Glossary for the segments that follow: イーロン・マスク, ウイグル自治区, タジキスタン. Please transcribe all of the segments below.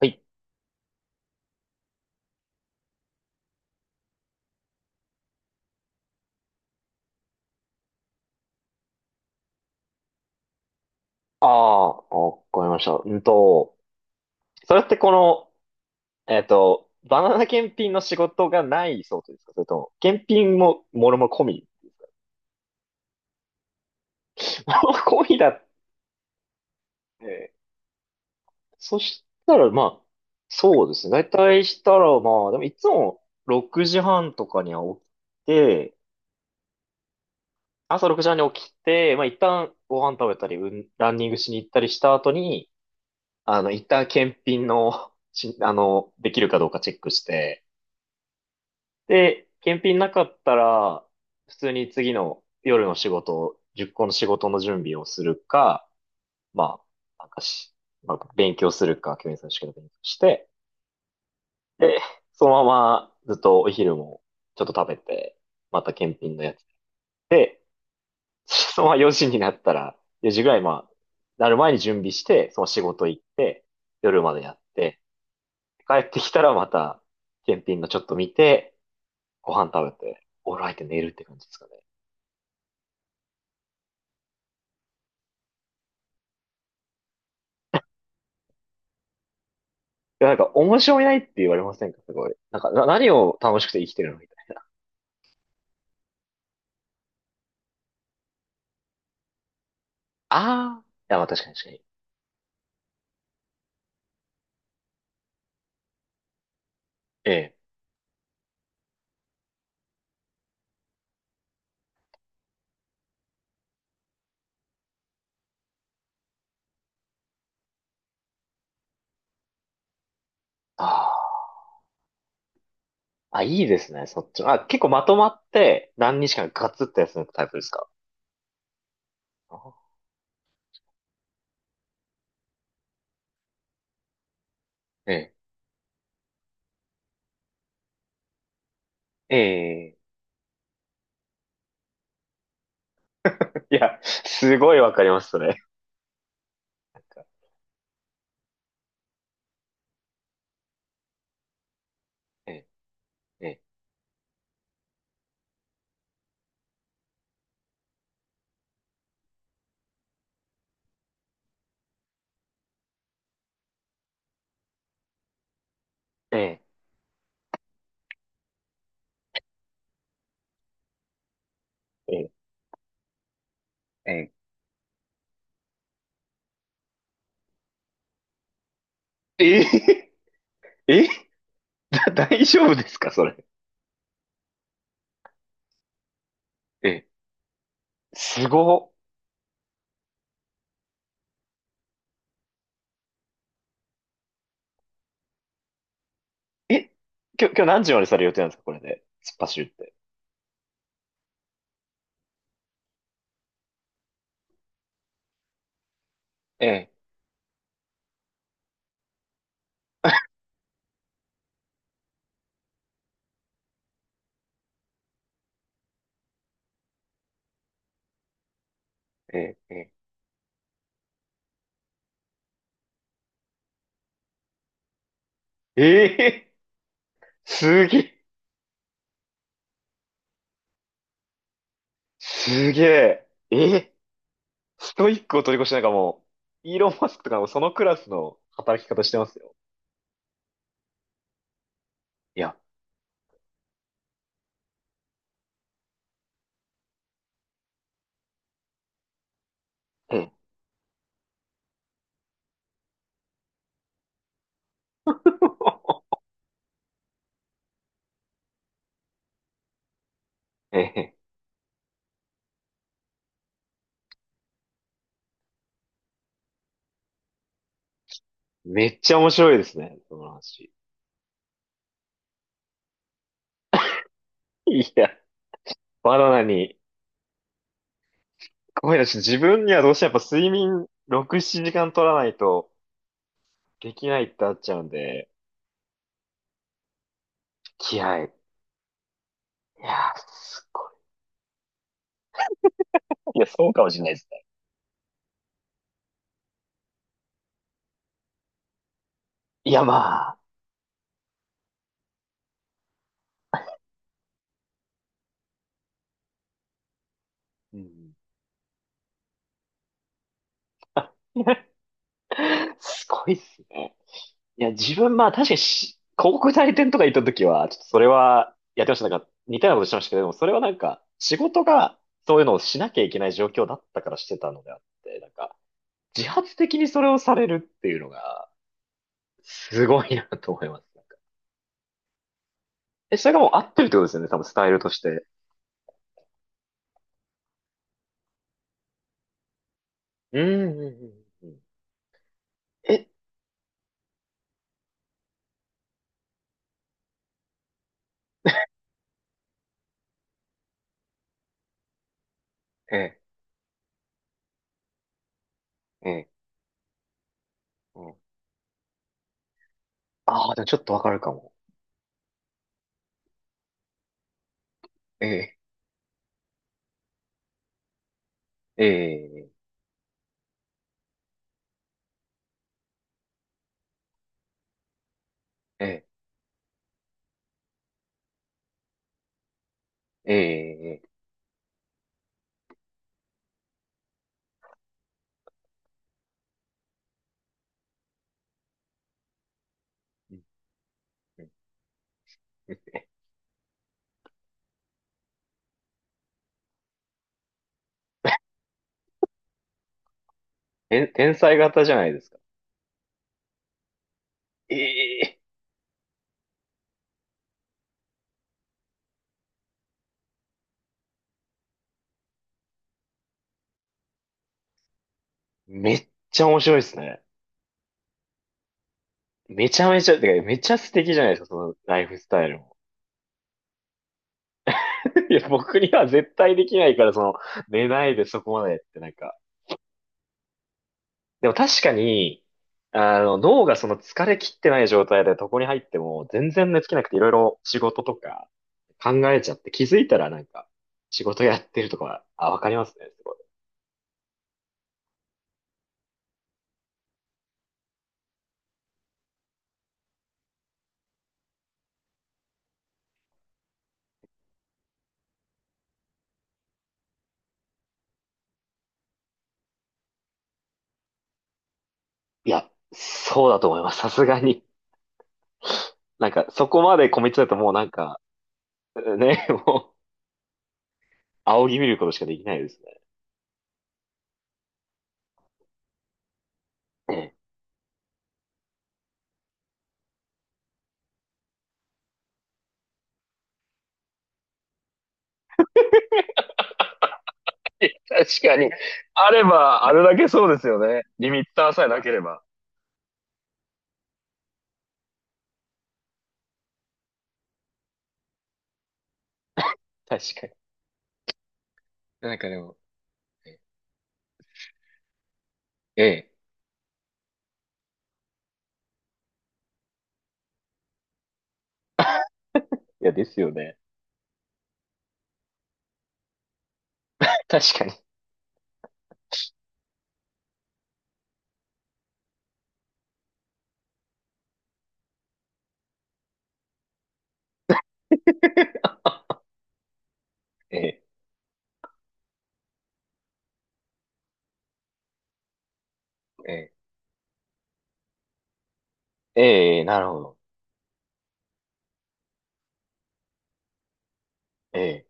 はい。ああ、わかりました。それってこの、バナナ検品の仕事がないそうですか？それとも、検品も、もろもろ込み。もろもろ込みだって。そしたら、まあ、そうですね。だいたいしたら、まあ、でもいつも6時半とかには起きて、朝6時半に起きて、まあ一旦ご飯食べたり、うん、ランニングしに行ったりした後に、一旦検品の、しあの、できるかどうかチェックして、で、検品なかったら、普通に次の夜の仕事、10個の仕事の準備をするか、まあ、なんかし、まあ、勉強するか、教員さんの試験の勉強して、で、そのままずっとお昼もちょっと食べて、また検品のやつで、そのまま4時になったら、4時ぐらい、まあ、なる前に準備して、その仕事行って、夜までやって、帰ってきたらまた、検品のちょっと見て、ご飯食べて、お風呂入って寝るって感じですかね。いや、なんか、面白いないって言われませんか？すごい。なんか、何を楽しくて生きてるのみたいな。ああ。いや、まあ、確かに、確かに。ええ。ああ。あ、いいですね、そっちの。あ、結構まとまって何日間かガツって休むタイプですか？あーええ。ええ。いや、すごいわかります、それ。なんか、ええ、ええ、ええ、ええ、ええ、ええ、大丈夫ですか、それ。ええ。すごっ。え、今日何時までされる予定なんですか、これで？突っ走るって。ええ、ええ、ええ。ええ。すげ、すげえ。え、ストイックを取り越してなんかもう、イーロン・マスクとかもそのクラスの働き方してますよ。いや、ええ、ええ、めっちゃ面白いですね、その話。いや、バナナに、ごめんなさい、自分にはどうしてもやっぱ睡眠6、7時間取らないとできないってなっちゃうんで、気合い。いや、すごい。いや、そうかもしれないですね。いや、まあ、うん。すごいっすね。いや、自分、まあ確かに、広告代理店とか行った時は、ちょっとそれはやってました。なんか似たようなことしてましたけど、でもそれはなんか、仕事がそういうのをしなきゃいけない状況だったからしてたのであって、なんか、自発的にそれをされるっていうのが、すごいなと思います。なんかそれがもう合ってるってことですよね、多分スタイルとして。うんうん、うんうん。え、ええ、ええ、うん。ああ、でもちょっとわかるかも。ええ、ええ、ええ、ええ、ええ、ええ、ええ、天才型じゃないですか。ええ、めっちゃ面白いですね。めちゃめちゃ、てか、めちゃ素敵じゃないですか、そのライフスタイルも。いや、僕には絶対できないから、その、寝ないでそこまでってなんか。でも確かに、脳がその疲れ切ってない状態で床に入っても、全然寝つけなくていろいろ仕事とか考えちゃって気づいたらなんか、仕事やってるとか、あ、わかりますね、すごい。いや、そうだと思います、さすがに。なんか、そこまでコミットだともうなんか、ね、もう、仰ぎ見ることしかできないですね。ええ。 確かに。あれば、あれだけそうですよね。リミッターさえなければ。確かに。なんかでも、ええ、いや、ですよね。確かに。ええ、ええ、ええ、なるほど。ええ、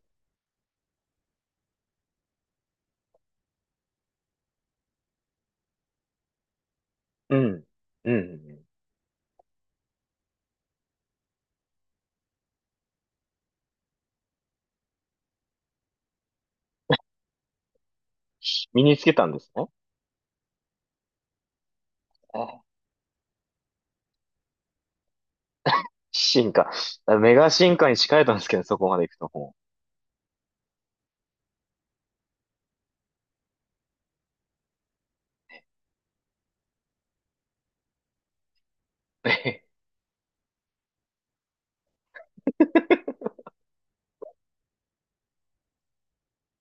うん、うん。身につけたんですね。あ、進化。メガ進化に近いとんですけどね、そこまで行くともう。ええ、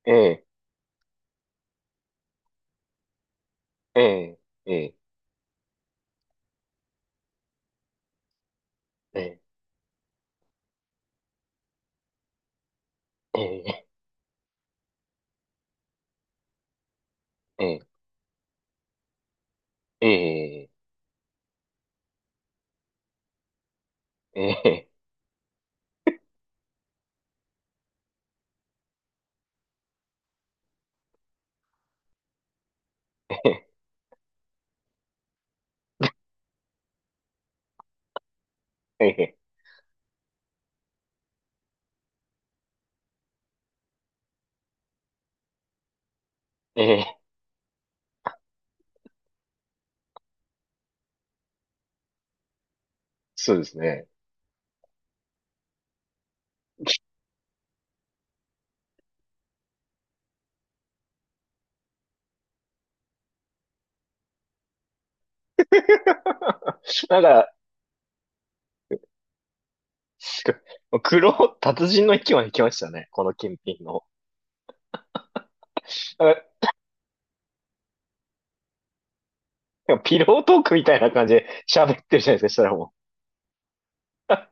ええ、ええ、ええ、ええ、ええ、ええ、ええ、ええ、ええ、ええ、そうですね。なんか、すご、黒、達人の域まで来ましたね。この金品の。あ、でもピロートークみたいな感じで喋ってるじゃないですか、そしたらもう。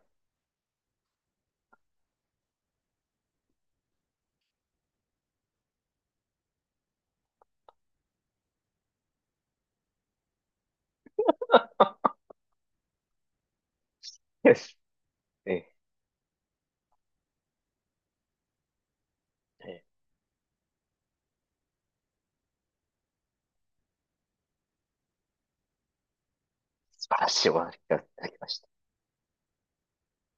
です。ええ、素晴らしいお話いただきました。